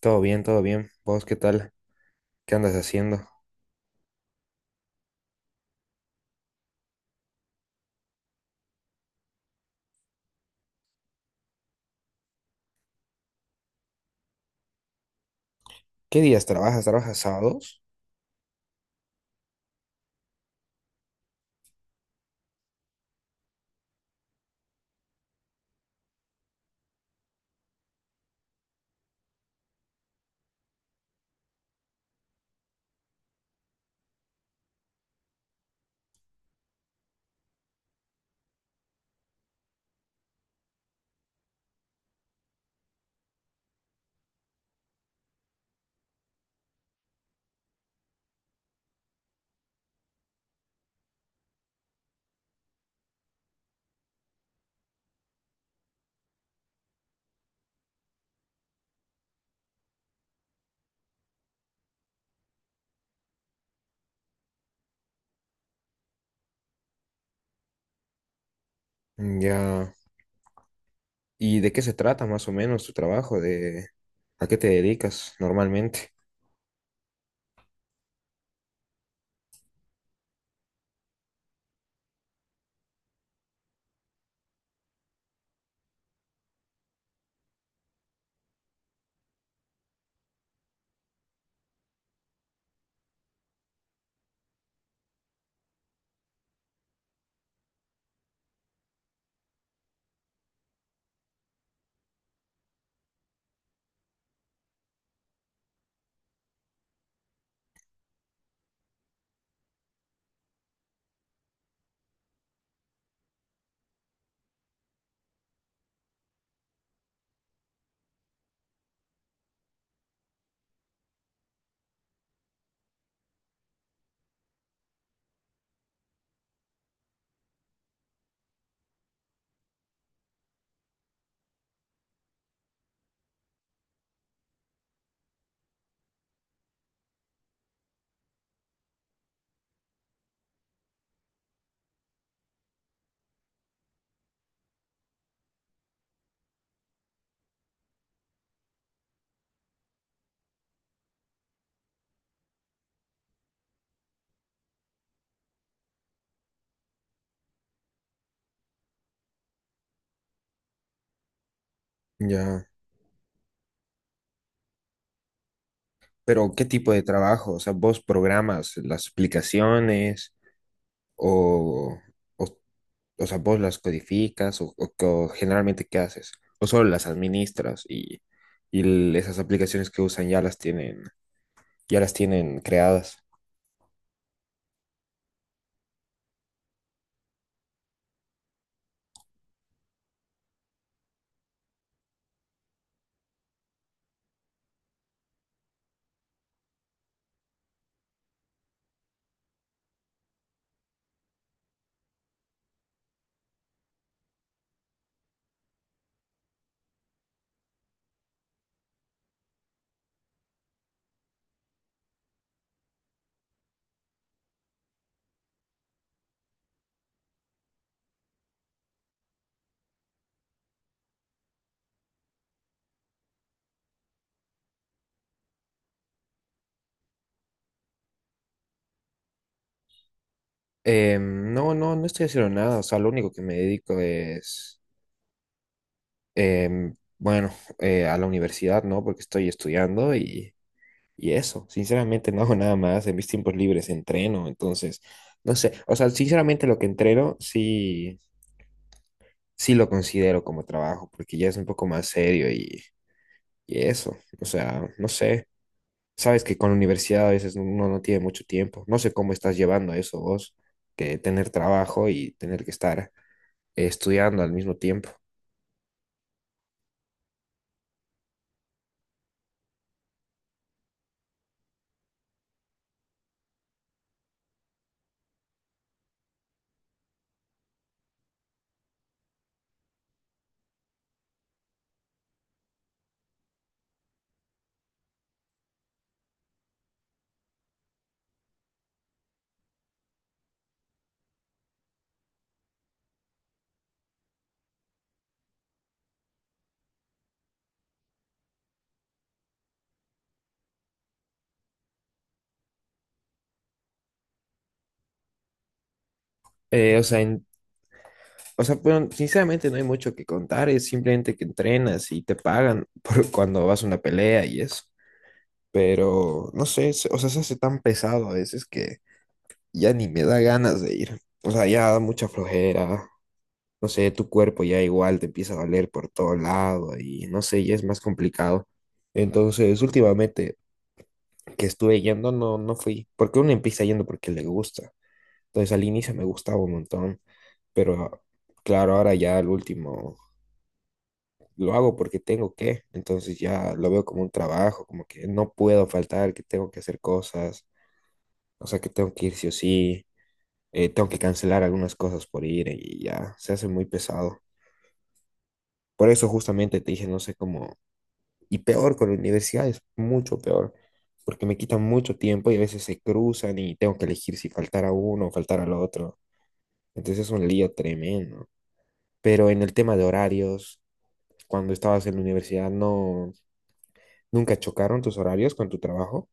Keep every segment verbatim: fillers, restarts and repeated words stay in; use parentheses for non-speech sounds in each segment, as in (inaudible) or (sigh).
Todo bien, todo bien. ¿Vos qué tal? ¿Qué andas haciendo? ¿Qué días trabajas? ¿Trabajas sábados? Mm, ya. ¿Y de qué se trata más o menos tu trabajo? ¿De a qué te dedicas normalmente? Ya. Pero ¿qué tipo de trabajo? O sea, ¿vos programas las aplicaciones o, o, o sea, vos las codificas o, o- o generalmente qué haces? ¿O solo las administras y, y l- esas aplicaciones que usan ya las tienen, ya las tienen creadas? Em, no, no, no estoy haciendo nada. O sea, lo único que me dedico es, em, bueno, eh, a la universidad, ¿no? Porque estoy estudiando y, y eso. Sinceramente no hago nada más, en mis tiempos libres entreno. Entonces, no sé, o sea, sinceramente lo que entreno sí, sí lo considero como trabajo, porque ya es un poco más serio y, y eso. O sea, no sé, sabes que con la universidad a veces uno no tiene mucho tiempo. No sé cómo estás llevando eso vos, que tener trabajo y tener que estar eh, estudiando al mismo tiempo. Eh, o sea, en- o sea, bueno, sinceramente no hay mucho que contar, es simplemente que entrenas y te pagan (laughs) por cuando vas a una pelea y eso. Pero no sé, se- o sea, se hace tan pesado a veces que ya ni me da ganas de ir. O sea, ya da mucha flojera. No sé, tu cuerpo ya igual te empieza a doler por todo lado y no sé, ya es más complicado. Entonces, últimamente que estuve yendo, no, no fui, porque uno empieza yendo porque le gusta. Entonces al inicio me gustaba un montón, pero claro, ahora ya al último lo hago porque tengo que. Entonces ya lo veo como un trabajo, como que no puedo faltar, que tengo que hacer cosas, o sea que tengo que ir sí o sí. Eh, tengo que cancelar algunas cosas por ir y ya, se hace muy pesado. Por eso justamente te dije, no sé cómo, y peor con la universidad es mucho peor, porque me quitan mucho tiempo y a veces se cruzan y tengo que elegir si faltar a uno o faltar al otro, entonces es un lío tremendo. Pero en el tema de horarios, cuando estabas en la universidad, no, nunca chocaron tus horarios con tu trabajo.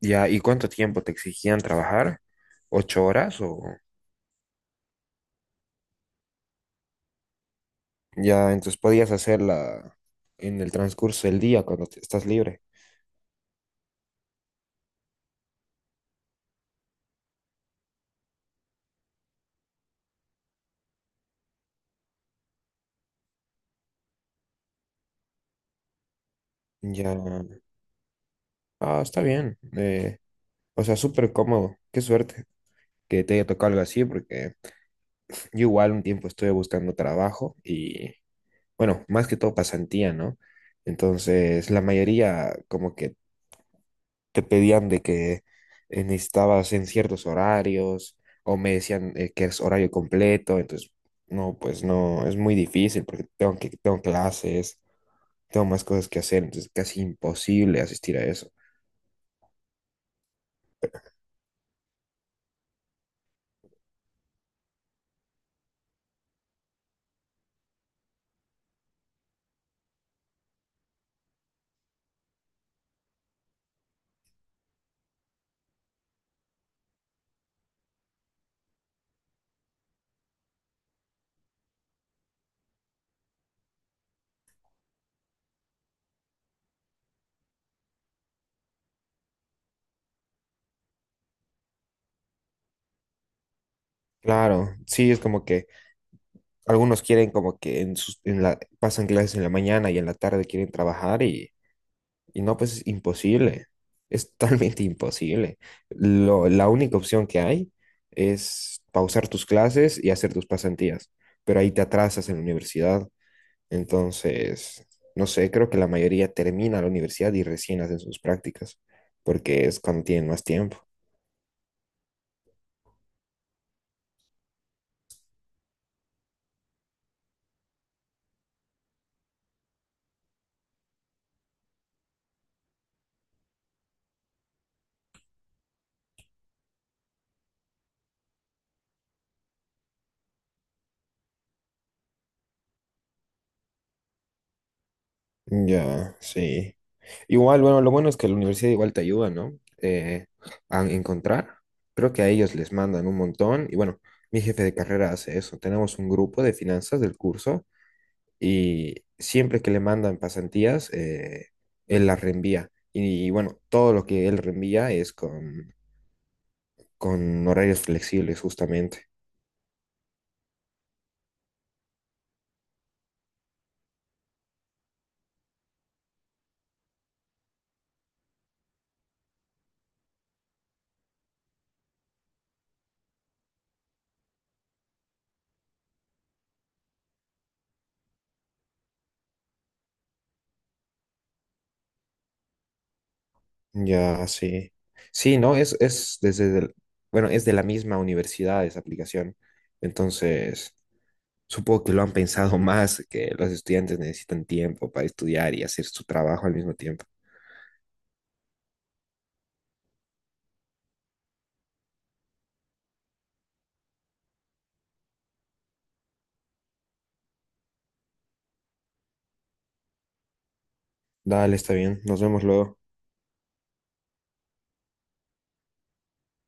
Ya, ¿y cuánto tiempo te exigían trabajar? ¿Ocho horas? O ya, entonces podías hacerla en el transcurso del día cuando te- estás libre. Ya, ah, está bien. Eh, o sea, súper cómodo. Qué suerte que te haya tocado algo así, porque yo igual un tiempo estuve buscando trabajo y, bueno, más que todo pasantía, ¿no? Entonces, la mayoría como que te pedían de que eh, necesitabas en ciertos horarios o me decían eh, que es horario completo. Entonces no, pues no, es muy difícil porque tengo que, tengo clases, tengo más cosas que hacer, entonces es casi imposible asistir a eso. Claro, sí, es como que algunos quieren como que en sus, en la, pasan clases en la mañana y en la tarde quieren trabajar. y Y no, pues es imposible, es totalmente imposible. Lo- la única opción que hay es pausar tus clases y hacer tus pasantías, pero ahí te atrasas en la universidad. Entonces, no sé, creo que la mayoría termina la universidad y recién hacen sus prácticas, porque es cuando tienen más tiempo. Ya, sí. Igual, bueno, lo bueno es que la universidad igual te ayuda, ¿no? Eh, a encontrar. Creo que a ellos les mandan un montón. Y bueno, mi jefe de carrera hace eso. Tenemos un grupo de finanzas del curso y siempre que le mandan pasantías, eh, él las reenvía. Y bueno, todo lo que él reenvía es con, con horarios flexibles, justamente. Ya, sí. Sí, ¿no? Es, es desde, el- bueno, es de la misma universidad esa aplicación. Entonces supongo que lo han pensado más, que los estudiantes necesitan tiempo para estudiar y hacer su trabajo al mismo tiempo. Dale, está bien. Nos vemos luego.